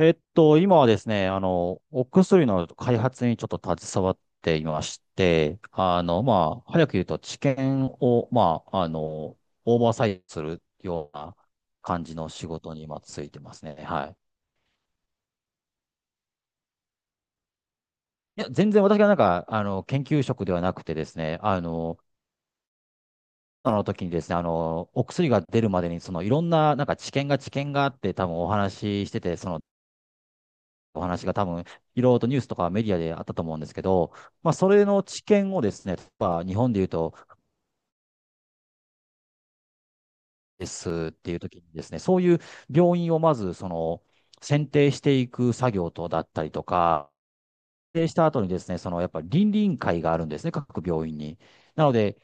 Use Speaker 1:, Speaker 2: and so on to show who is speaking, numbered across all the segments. Speaker 1: 今はですね、お薬の開発にちょっと携わっていまして、早く言うと治験を、オーバーサイトするような感じの仕事に今ついてますね。はい。いや、全然私が研究職ではなくてですね、あの時にですね、お薬が出るまでに、いろんな、治験があって、多分お話ししてて、お話が多分、いろいろとニュースとかメディアであったと思うんですけど、それの知見をですね、例えば日本でいうと、ですっていう時にですね、そういう病院をまず、選定していく作業とだったりとか、選定した後にですね、そのやっぱり倫理委員会があるんですね、各病院に。なので、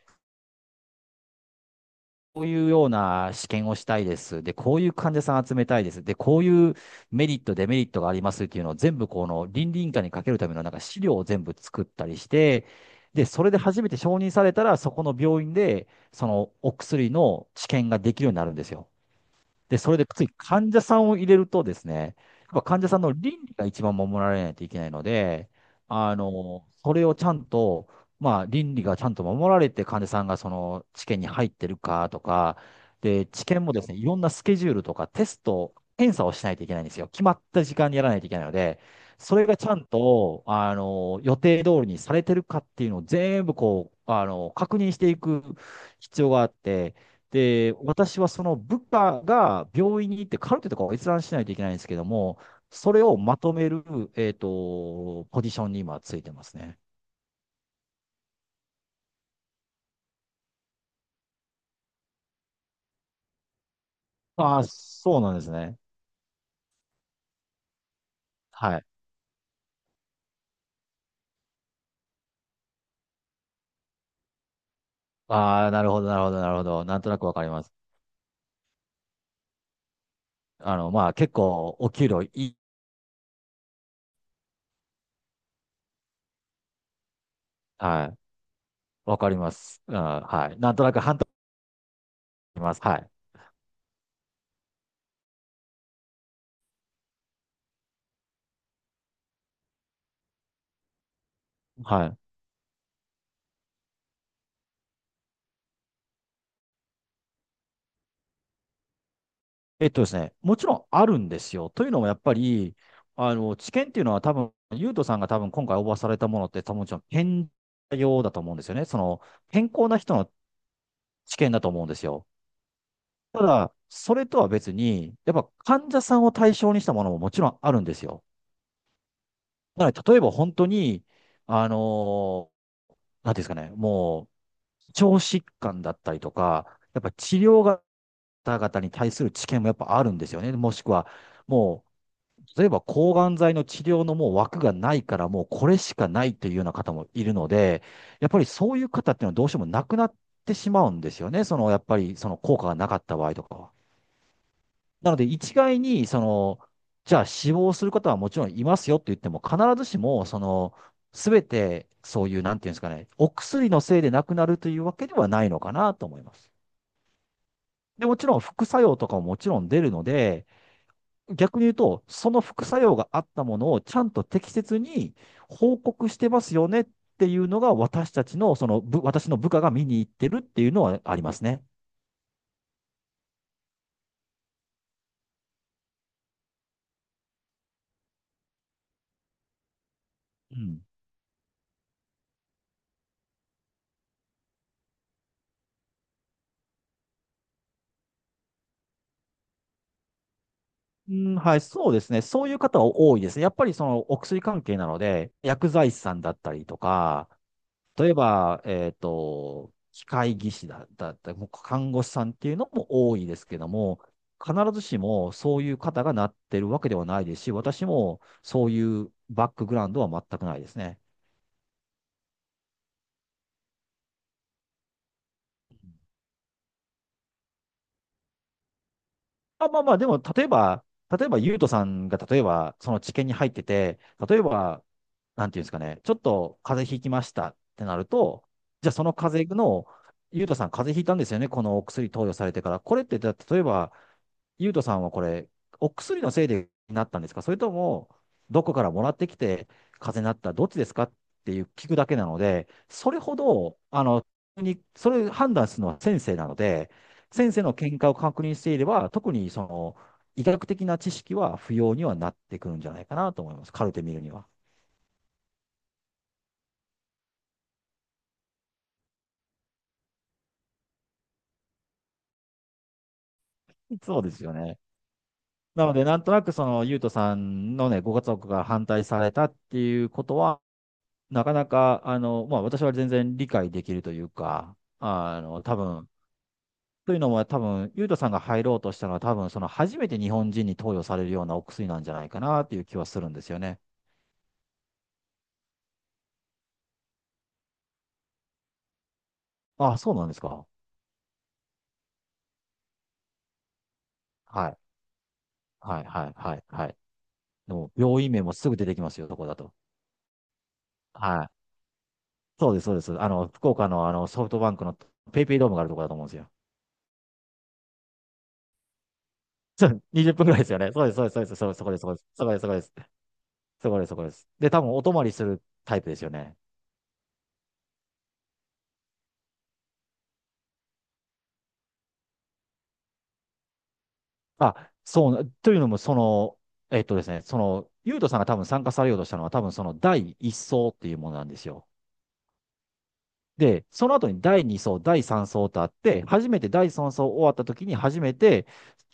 Speaker 1: こういうような試験をしたいです。で、こういう患者さん集めたいです。で、こういうメリット、デメリットがありますっていうのを全部この倫理委員会にかけるための資料を全部作ったりして、で、それで初めて承認されたら、そこの病院で、そのお薬の治験ができるようになるんですよ。で、それで次、患者さんを入れるとですね、やっぱ患者さんの倫理が一番守られないといけないので、それをちゃんと、倫理がちゃんと守られて、患者さんがその治験に入ってるかとか、で、治験もですね、いろんなスケジュールとかテスト、検査をしないといけないんですよ。決まった時間にやらないといけないので、それがちゃんと、予定通りにされてるかっていうのを全部確認していく必要があって、で、私はその部下が病院に行ってカルテとかを閲覧しないといけないんですけども、それをまとめる、ポジションに今ついてますね。ああ、そうなんですね。はい。ああ、なるほど、なるほど、なるほど。なんとなくわかります。結構、お給料いい。はい。わかります。うん、はい。なんとなく半端あります。はい。はい。えっとですね、もちろんあるんですよ。というのもやっぱり、知見っていうのは多分、ゆうとさんが多分今回応募されたものって多分もちろん健康用だと思うんですよね。健康な人の知見だと思うんですよ。ただ、それとは別に、やっぱ患者さんを対象にしたものももちろんあるんですよ。だから例えば本当に、あの、なんていうんですかね、もう、腸疾患だったりとか、やっぱ治療が方々に対する知見もやっぱあるんですよね。もしくは、もう、例えば抗がん剤の治療のもう枠がないから、もうこれしかないというような方もいるので、やっぱりそういう方っていうのはどうしてもなくなってしまうんですよね。やっぱりその効果がなかった場合とかは。なので一概に、じゃあ死亡する方はもちろんいますよって言っても、必ずしも、すべてそういう、なんていうんですかね、お薬のせいで亡くなるというわけではないのかなと思います。で、もちろん副作用とかももちろん出るので、逆に言うと、その副作用があったものをちゃんと適切に報告してますよねっていうのが、私たちの、その部、私の部下が見に行ってるっていうのはありますね。うん。うん、はい、そうですね。そういう方は多いですね。やっぱりそのお薬関係なので、薬剤師さんだったりとか、例えば、機械技師だったり、もう看護師さんっていうのも多いですけども、必ずしもそういう方がなってるわけではないですし、私もそういうバックグラウンドは全くないですね。あ、まあまあ、でも、例えば、ゆうとさんが、例えば、その治験に入ってて、例えば、なんていうんですかね、ちょっと風邪ひきましたってなると、じゃあ、その風邪の、ゆうとさん、風邪ひいたんですよね、このお薬投与されてから。これって、例えば、ゆうとさんはこれ、お薬のせいでなったんですかそれとも、どこからもらってきて、風邪になった、どっちですかっていう聞くだけなので、それほど、にそれ判断するのは先生なので、先生の見解を確認していれば、特にその医学的な知識は不要にはなってくるんじゃないかなと思います。カルテ見るには。そうですよね。なので、なんとなくその、ゆうとさんのね、ご家族が反対されたっていうことは、なかなか、私は全然理解できるというか、多分、というのも多分、ゆうとさんが入ろうとしたのは多分、その初めて日本人に投与されるようなお薬なんじゃないかなっていう気はするんですよね。ああ、そうなんですか。はい。はい、はい、はい、はい。の病院名もすぐ出てきますよ、そこだと。はい。そうです、そうです。福岡のあのソフトバンクのペイペイドームがあるところだと思うんですよ。そう20分ぐらいですよね。そうです、そうです、そうです、そうですそこです、そこです、そこです、そこです、そこです、そこです。で、多分お泊まりするタイプですよね。あ、そう、というのも、えっとですね、ゆうとさんが多分参加されようとしたのは、多分その第一層っそうっていうものなんですよ。で、その後に第2層、第3層とあって、初めて第3層終わった時に初めて、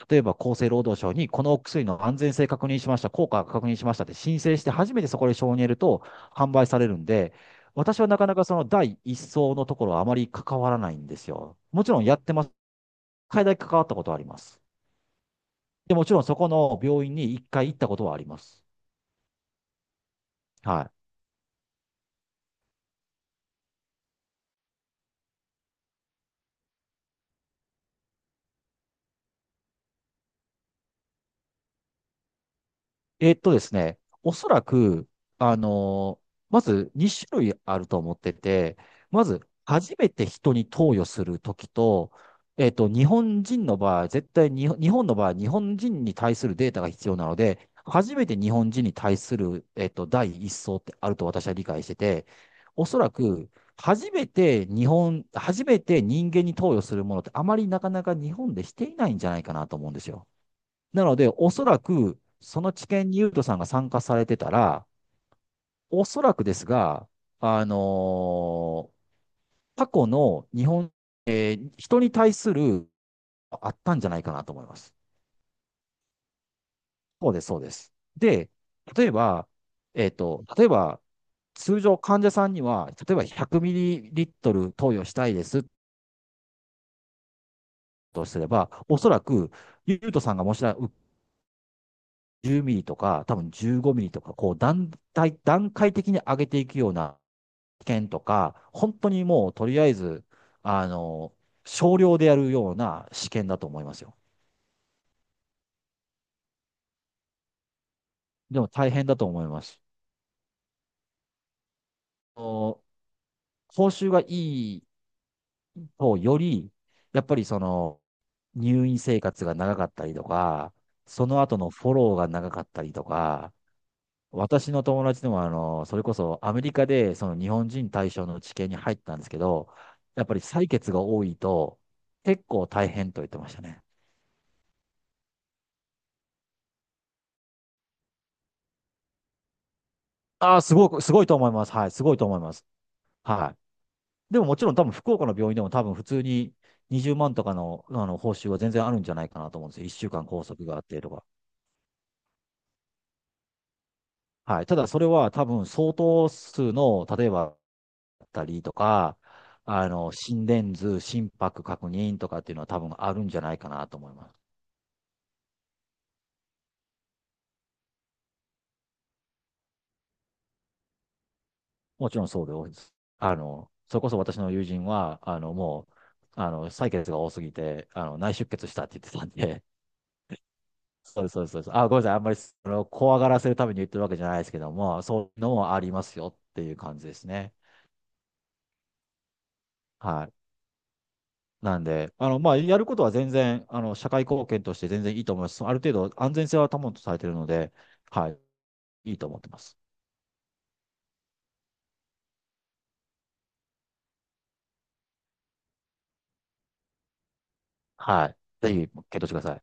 Speaker 1: 例えば厚生労働省にこのお薬の安全性確認しました、効果確認しましたって申請して初めてそこで承認得ると販売されるんで、私はなかなかその第1層のところはあまり関わらないんですよ。もちろんやってます。海外だけ関わったことはあります。で、もちろんそこの病院に一回行ったことはあります。はい。ですね、おそらく、まず2種類あると思ってて、まず、初めて人に投与するときと、日本人の場合、絶対に、日本の場合、日本人に対するデータが必要なので、初めて日本人に対する、第一層ってあると私は理解してて、おそらく、初めて人間に投与するものってあまりなかなか日本でしていないんじゃないかなと思うんですよ。なので、おそらく、その治験にユウトさんが参加されてたら、おそらくですが、あのー過去の日本、人に対するあったんじゃないかなと思います。そうです、そうです。で、例えば、例えば、通常患者さんには、例えば100ミリリットル投与したいですとすれば、おそらく、ユウトさんがもしな10ミリとか、多分15ミリとか、段階的に上げていくような券とか、本当にもうとりあえず、あの、少量でやるような試験だと思いますよ。でも大変だと思います。お報酬がいいとより、やっぱりその、入院生活が長かったりとか、その後のフォローが長かったりとか、私の友達でもそれこそアメリカでその日本人対象の治験に入ったんですけど、やっぱり採血が多いと結構大変と言ってましたね。ああ、すごく、すごいと思います。はい、すごいと思います。はい。でももちろん多分福岡の病院でも多分普通に20万とかの、あの報酬は全然あるんじゃないかなと思うんですよ。1週間拘束があってとか。はい。ただそれは多分相当数の、例えば、だったりとか、心電図、心拍確認とかっていうのは多分あるんじゃないかなと思います。もちろんそうで多いです。それこそ私の友人は、あの、もう、あの、採血が多すぎて、内出血したって言ってたんで、そうですそうですそうですあ、ごめんなさい。あんまりその怖がらせるために言ってるわけじゃないですけども、そういうのもありますよっていう感じですね。はい。なんで、やることは全然、社会貢献として全然いいと思います。ある程度安全性は担保とされているので、はい。いいと思ってます。はい。ぜひ、検討してください。